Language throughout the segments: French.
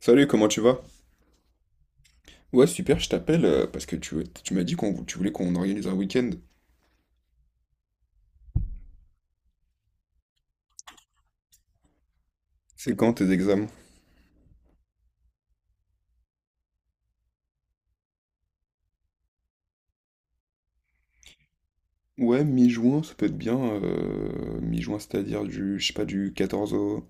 Salut, comment tu vas? Ouais, super, je t'appelle parce que tu m'as dit qu'on tu voulais qu'on organise un week-end. C'est quand tes examens? Ouais, mi-juin, ça peut être bien. Mi-juin, c'est-à-dire du, je sais pas, du 14 au...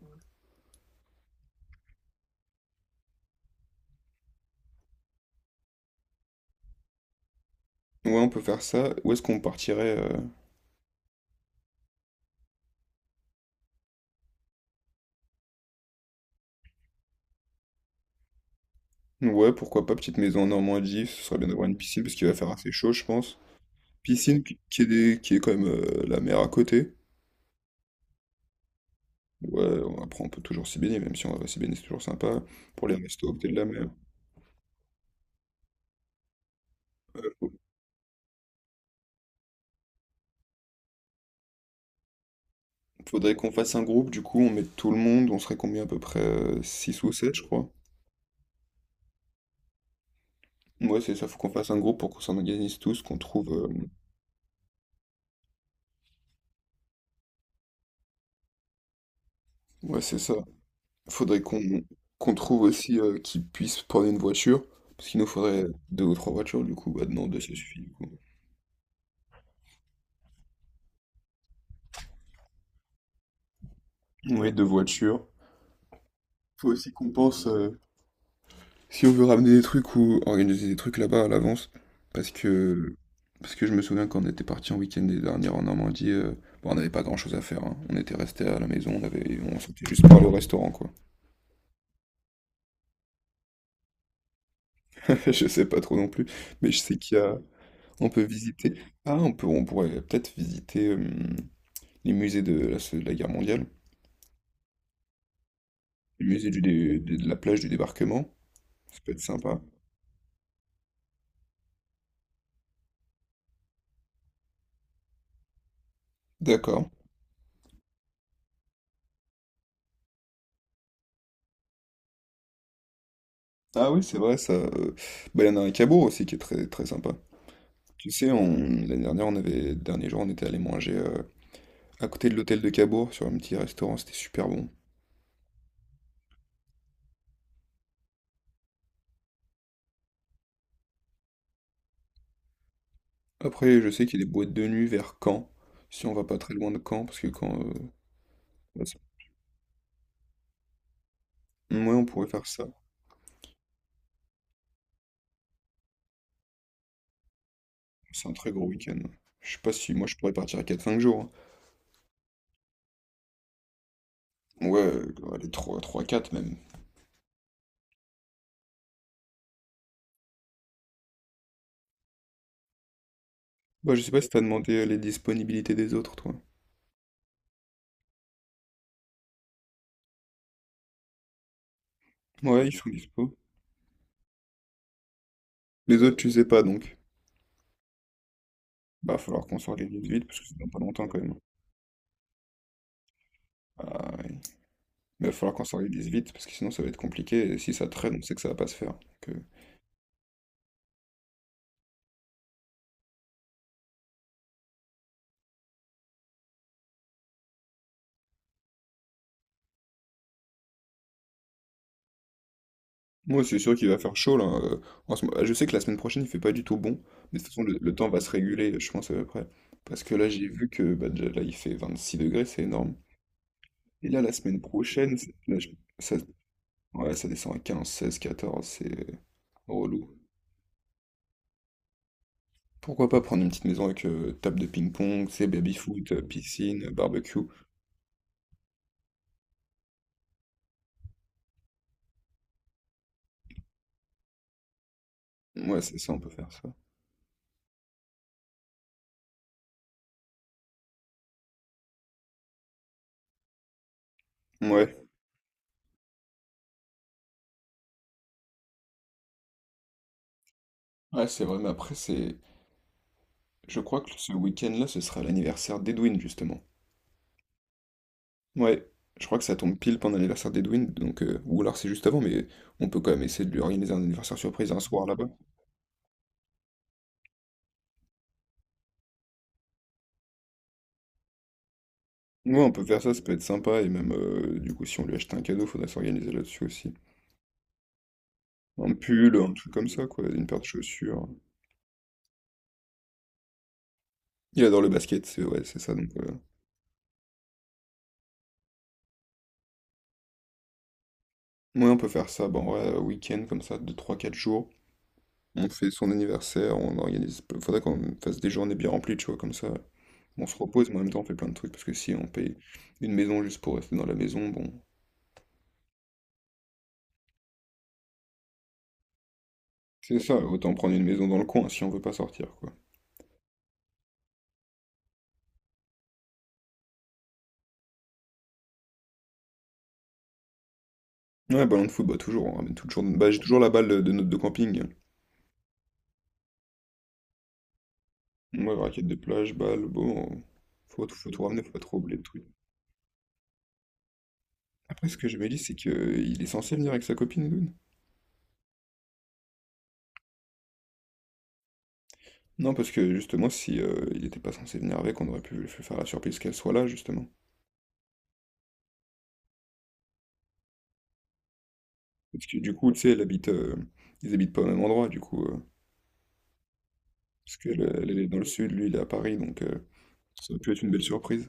Ouais, on peut faire ça. Où est-ce qu'on partirait? Ouais, pourquoi pas, petite maison en Normandie, ce serait bien d'avoir une piscine parce qu'il va faire assez chaud, je pense. Piscine qui est, qui est quand même la mer à côté. Ouais, après on peut toujours s'y baigner, même si on va s'y baigner, c'est toujours sympa. Pour les restos, peut-être la mer. Faudrait qu'on fasse un groupe, du coup, on met tout le monde, on serait combien à peu près 6 ou 7 je crois. Ouais, c'est ça, faut qu'on fasse un groupe pour qu'on s'organise tous, qu'on trouve... Ouais, c'est ça. Faudrait qu'on trouve aussi qui puisse prendre une voiture, parce qu'il nous faudrait deux ou trois voitures, du coup, bah non, deux, ça suffit, du coup. Ouais, deux voitures. Faut aussi qu'on pense... si on veut ramener des trucs ou organiser des trucs là-bas à l'avance, parce que parce que je me souviens quand on était parti en week-end dernier en Normandie, bon, on n'avait pas grand-chose à faire, hein. On était resté à la maison, on sortait juste par le restaurant quoi. Je sais pas trop non plus, mais je sais qu'il y a on peut visiter. Ah, on pourrait peut-être visiter les musées de la guerre mondiale, les musées du de la plage du débarquement. Ça peut être sympa. D'accord. Ah oui, c'est vrai ça. Bah, il y en a un à Cabourg aussi qui est très très sympa. Tu sais, l'année dernière, on avait, dernier jour, on était allé manger à côté de l'hôtel de Cabourg sur un petit restaurant, c'était super bon. Après, je sais qu'il y a des boîtes de nuit vers Caen, si on va pas très loin de Caen, parce que Caen, bah, ouais, on pourrait faire ça. C'est un très gros week-end. Je sais pas si moi je pourrais partir à 4-5 jours, hein. Ouais, allez, 3 3-4 même. Bah, je sais pas si t'as demandé les disponibilités des autres, toi. Ouais, ils sont dispo. Les autres, tu sais pas donc. Bah, falloir qu'on s'organise vite, parce que c'est dans pas longtemps quand même. Ah, ouais. Mais il va falloir qu'on s'organise vite parce que sinon ça va être compliqué et si ça traîne, on sait que ça va pas se faire. Donc, moi, c'est sûr qu'il va faire chaud là. Je sais que la semaine prochaine il fait pas du tout bon, mais de toute façon le temps va se réguler, je pense à peu près. Parce que là, j'ai vu que bah, déjà, là il fait 26 degrés, c'est énorme. Et là, la semaine prochaine, ça... ouais, ça descend à 15 16 14 c'est relou. Pourquoi pas prendre une petite maison avec table de ping-pong, c'est baby-foot, piscine, barbecue. Ouais, c'est ça, on peut faire ça. Ouais. Ouais, c'est vrai, mais après, c'est. Je crois que ce week-end-là, ce sera l'anniversaire d'Edwin, justement. Ouais, je crois que ça tombe pile pendant l'anniversaire d'Edwin, donc ou alors c'est juste avant, mais on peut quand même essayer de lui organiser un anniversaire surprise un soir là-bas. Ouais, on peut faire ça, ça peut être sympa, et même du coup, si on lui achète un cadeau, faudra s'organiser là-dessus aussi. Un pull, un truc comme ça, quoi, une paire de chaussures. Il adore le basket, c'est ouais, c'est ça, donc ouais, on peut faire ça, bon, ouais, week-end comme ça, de trois quatre jours. On fait son anniversaire, on organise. Faudrait qu'on fasse des journées bien remplies, tu vois, comme ça. On se repose, mais en même temps on fait plein de trucs, parce que si on paye une maison juste pour rester dans la maison, bon, c'est ça, autant prendre une maison dans le coin si on veut pas sortir, quoi. Ouais, ballon de foot, bah toujours, on ramène toujours, bah, j'ai toujours la balle de notre de camping. Ouais, raquette de plage, balle, bon, faut, faut tout ramener, faut pas trop oublier le truc. Après, ce que je me dis, c'est que il est censé venir avec sa copine, Edoun. Non, parce que justement, si il était pas censé venir avec, on aurait pu lui faire la surprise qu'elle soit là, justement. Parce que du coup, tu sais, ils habitent pas au même endroit, du coup, parce qu'elle, elle est dans le sud, lui, il est à Paris, donc. Ça aurait pu être une belle surprise.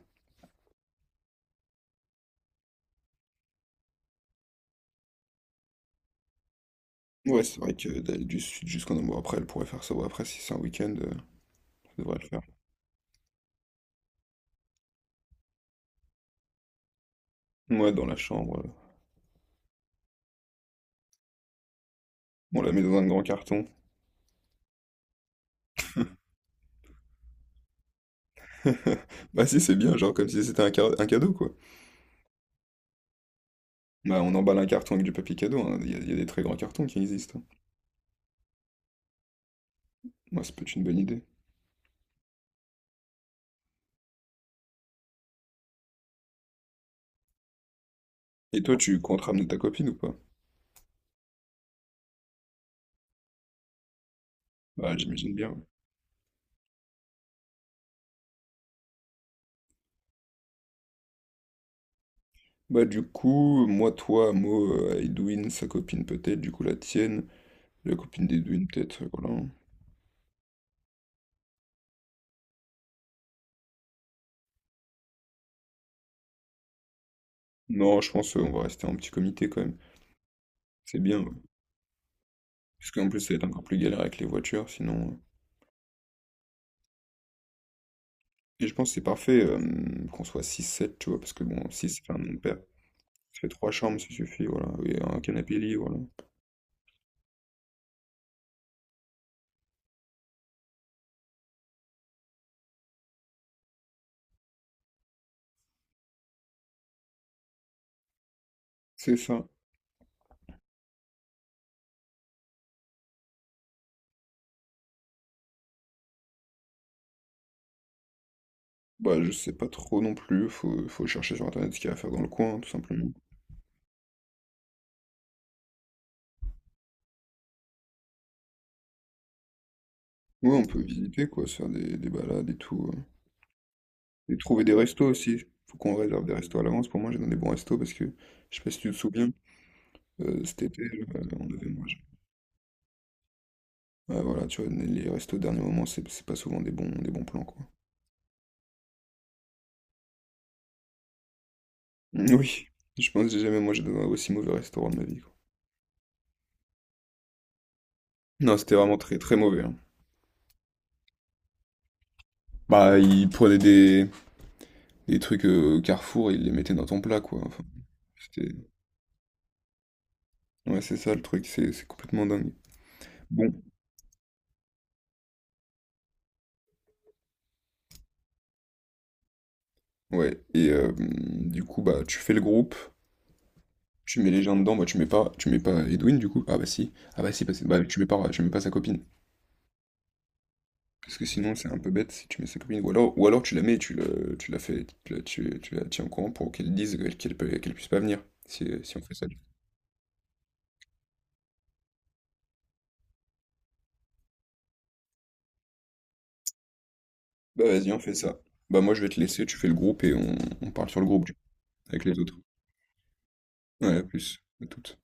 Ouais, c'est vrai que d'aller du sud jusqu'en Ambour, après, elle pourrait faire ça. Bon, après, si c'est un week-end, ça devrait le faire. Ouais, dans la chambre. On la met dans un grand carton. Bah si, c'est bien, genre comme si c'était un cadeau, quoi. Bah on emballe un carton avec du papier cadeau, hein. Il y a des très grands cartons qui existent, hein. Ouais, ça peut être une bonne idée. Et toi, tu comptes ramener ta copine ou pas? Bah j'imagine bien, ouais. Bah du coup, moi, toi, Mo, Edwin, sa copine peut-être, du coup la tienne, la copine d'Edwin peut-être, voilà. Non, je pense qu'on va rester en petit comité quand même. C'est bien, ouais. Puisqu'en plus, ça va être encore plus galère avec les voitures, sinon. Et je pense que c'est parfait qu'on soit six sept tu vois, parce que bon, 6 ça fait un nom de père. Ça fait 3 chambres, ça suffit, voilà. Et un canapé lit, voilà. C'est ça. Bah, je sais pas trop non plus, faut, faut chercher sur internet ce qu'il y a à faire dans le coin, tout simplement. Ouais, on peut visiter, quoi, se faire des balades et tout. Et trouver des restos aussi. Faut qu'on réserve des restos à l'avance. Pour moi, j'ai dans des bons restos parce que, je sais pas si tu te souviens, cet été, on devait mangé. Ouais, voilà, tu vois, les restos au dernier moment, c'est pas souvent des bons plans, quoi. Oui, je pense que j'ai jamais mangé dans un aussi mauvais restaurant de ma vie, quoi. Non, c'était vraiment très très mauvais, hein. Bah, ils prenaient des trucs au Carrefour et ils les mettaient dans ton plat, quoi. Enfin, c'était... Ouais, c'est ça le truc, c'est complètement dingue. Bon, ouais, et du coup, bah, tu fais le groupe, tu mets les gens dedans, bah, tu mets pas Edwin, du coup. Ah bah si, bah, tu mets pas sa copine. Parce que sinon, c'est un peu bête si tu mets sa copine. Ou alors tu la mets, tu la fais, tu la tiens au courant pour qu'elle dise qu'elle peut, qu'elle puisse pas venir, si on fait ça. Bah vas-y, on fait ça. Bah moi je vais te laisser, tu fais le groupe et on parle sur le groupe du coup, avec les autres. Ouais, à plus, à toutes.